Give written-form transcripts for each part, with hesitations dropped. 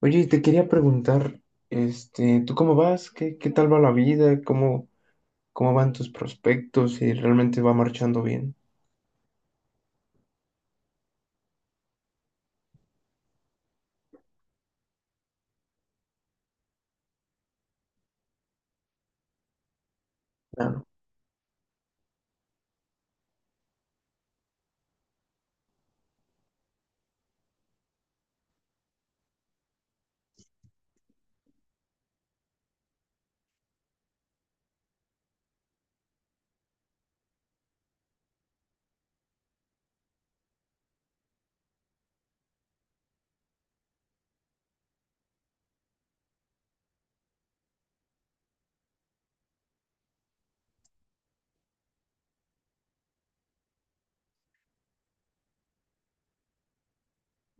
Oye, y te quería preguntar, este, ¿tú cómo vas? ¿Qué tal va la vida? ¿Cómo van tus prospectos? ¿Si realmente va marchando bien? Claro.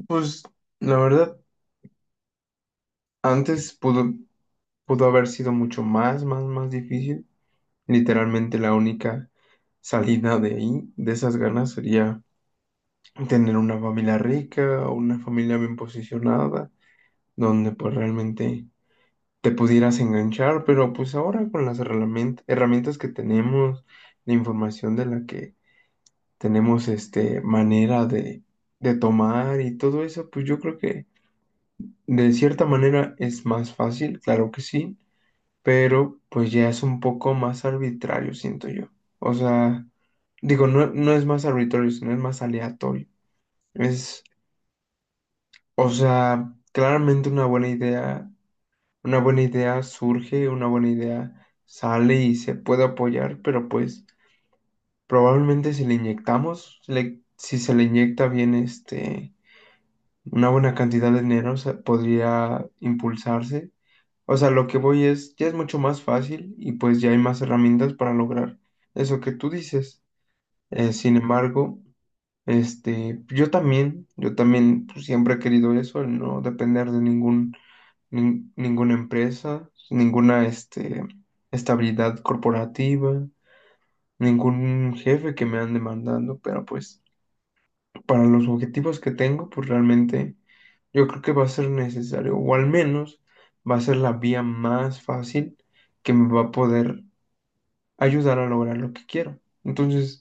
Pues la verdad, antes pudo haber sido mucho más difícil. Literalmente la única salida de ahí, de esas ganas, sería tener una familia rica o una familia bien posicionada, donde pues realmente te pudieras enganchar, pero pues ahora con las herramientas que tenemos, la información de la que tenemos este manera de tomar y todo eso, pues yo creo que de cierta manera es más fácil, claro que sí, pero pues ya es un poco más arbitrario, siento yo. O sea, digo, no, no es más arbitrario, sino es más aleatorio. Es O sea, claramente una buena idea surge, una buena idea sale y se puede apoyar, pero pues probablemente si se le inyecta bien este, una buena cantidad de dinero, podría impulsarse. O sea, lo que voy es, ya es mucho más fácil y pues ya hay más herramientas para lograr eso que tú dices. Sin embargo, este, yo también pues, siempre he querido eso, el no depender de ninguna empresa, ninguna este, estabilidad corporativa, ningún jefe que me han demandando, pero pues para los objetivos que tengo, pues realmente yo creo que va a ser necesario, o al menos va a ser la vía más fácil que me va a poder ayudar a lograr lo que quiero. Entonces,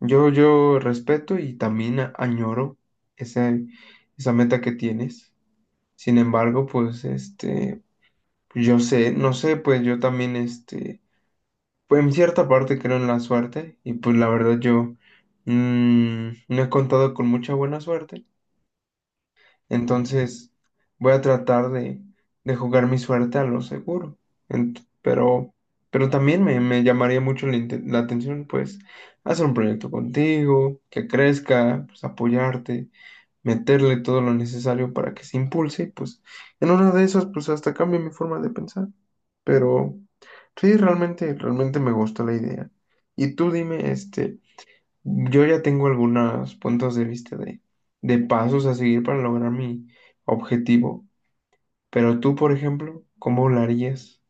yo respeto y también añoro ese, esa meta que tienes. Sin embargo, pues este, Yo sé, no sé, pues yo también, este, pues en cierta parte creo en la suerte y pues la verdad yo no he contado con mucha buena suerte, entonces voy a tratar de jugar mi suerte a lo seguro. Ent- pero, pero también me llamaría mucho la atención, pues, hacer un proyecto contigo, que crezca, pues apoyarte, meterle todo lo necesario para que se impulse, y, pues en una de esas, pues hasta cambie mi forma de pensar. Pero sí, realmente me gustó la idea. Y tú dime, este, yo ya tengo algunos puntos de vista de pasos a seguir para lograr mi objetivo. Pero tú, por ejemplo, ¿cómo lo harías?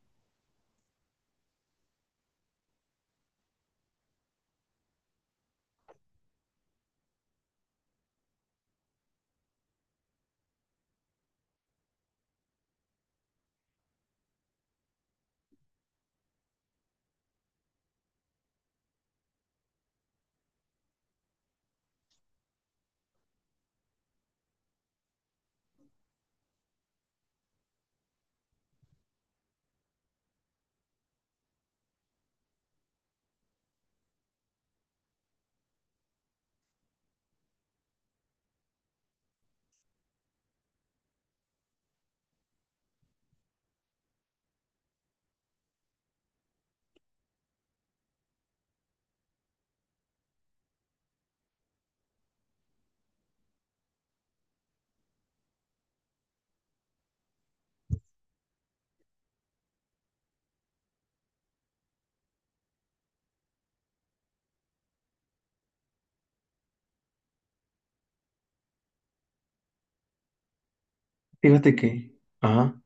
Fíjate que, ajá,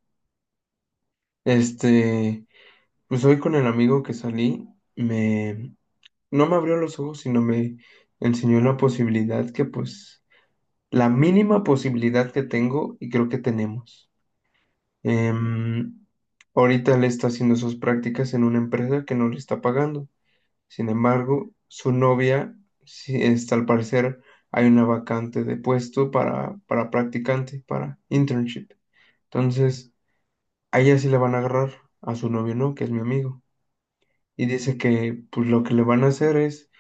este, pues hoy con el amigo que salí, me, no me abrió los ojos, sino me enseñó la posibilidad que, pues, la mínima posibilidad que tengo y creo que tenemos. Em, ahorita él está haciendo sus prácticas en una empresa que no le está pagando. Sin embargo, su novia, sí, está, al parecer, hay una vacante de puesto para practicante, para internship. Entonces, a ella sí la van a agarrar, a su novio no, que es mi amigo. Y dice que pues lo que le van a hacer es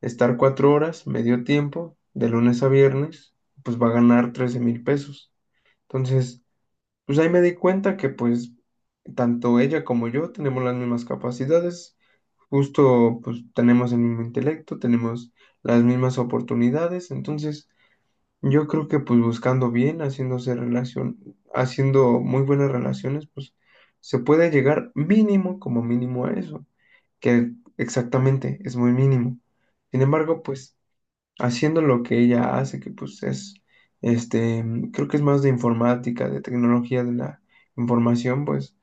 estar 4 horas, medio tiempo, de lunes a viernes, pues va a ganar 13,000 pesos. Entonces, pues ahí me di cuenta que pues tanto ella como yo tenemos las mismas capacidades, justo pues tenemos el mismo intelecto, tenemos las mismas oportunidades, entonces yo creo que pues buscando bien, haciéndose relación, haciendo muy buenas relaciones, pues se puede llegar mínimo como mínimo a eso, que exactamente es muy mínimo. Sin embargo, pues haciendo lo que ella hace, que pues es, este, creo que es más de informática, de tecnología de la información, pues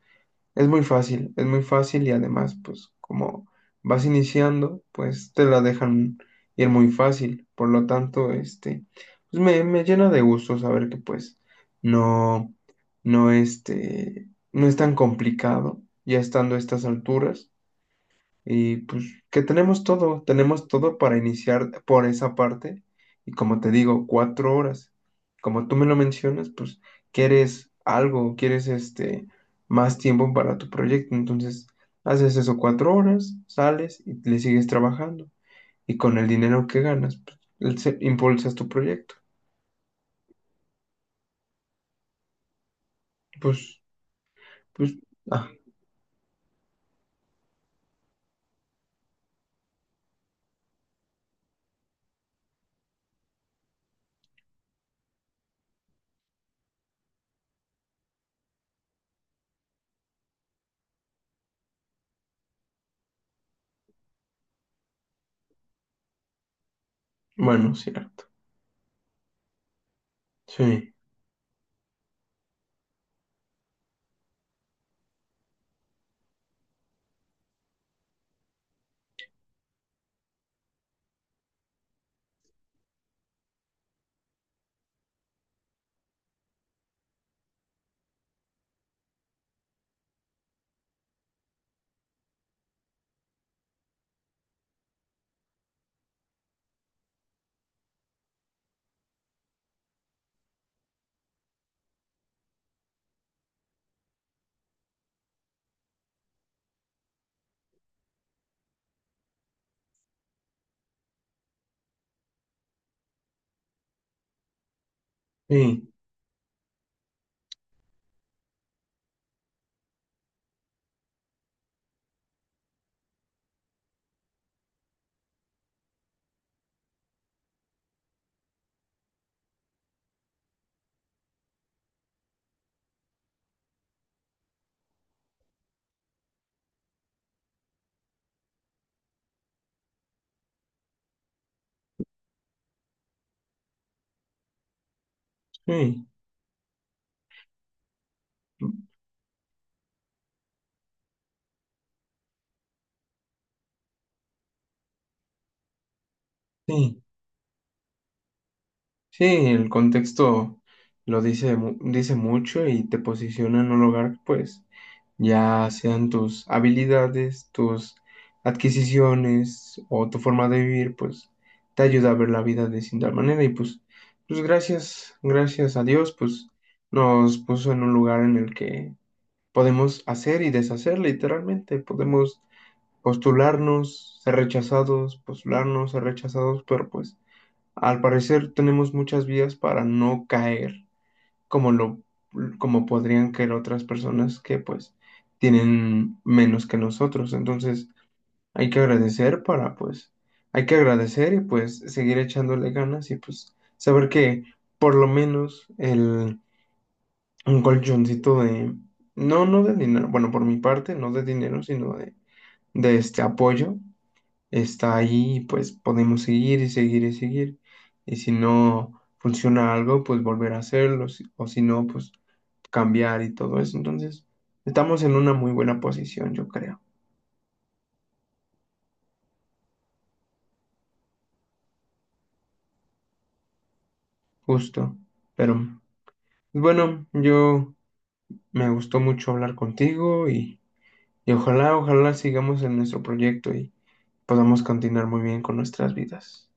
es muy fácil y además, pues como vas iniciando, pues te la dejan ir muy fácil, por lo tanto, este, pues me llena de gusto saber que pues no, no, este, no es tan complicado ya estando a estas alturas y pues que tenemos todo para iniciar por esa parte. Y como te digo, 4 horas. Como tú me lo mencionas, pues quieres algo, quieres este más tiempo para tu proyecto. Entonces, haces eso 4 horas, sales y le sigues trabajando. Y con el dinero que ganas, pues, impulsas tu proyecto. Pues, pues, ah, bueno, sí, sí, sí, sí, sí. Sí, el contexto lo dice, dice mucho y te posiciona en un lugar, pues, ya sean tus habilidades, tus adquisiciones o tu forma de vivir, pues, te ayuda a ver la vida de cierta manera y pues, gracias a Dios, pues, nos puso en un lugar en el que podemos hacer y deshacer literalmente, podemos postularnos, ser rechazados, pero pues... Al parecer tenemos muchas vías para no caer como lo como podrían caer otras personas que pues tienen menos que nosotros. Entonces, hay que agradecer para pues hay que agradecer y pues seguir echándole ganas y pues saber que por lo menos el un colchoncito de no de dinero, bueno, por mi parte, no de dinero, sino de este apoyo está ahí, pues podemos seguir y seguir y seguir. Y si no funciona algo, pues volver a hacerlo, o si no, pues cambiar y todo eso. Entonces, estamos en una muy buena posición, yo creo, justo. Pero bueno, yo me gustó mucho hablar contigo y ojalá sigamos en nuestro proyecto y podamos continuar muy bien con nuestras vidas.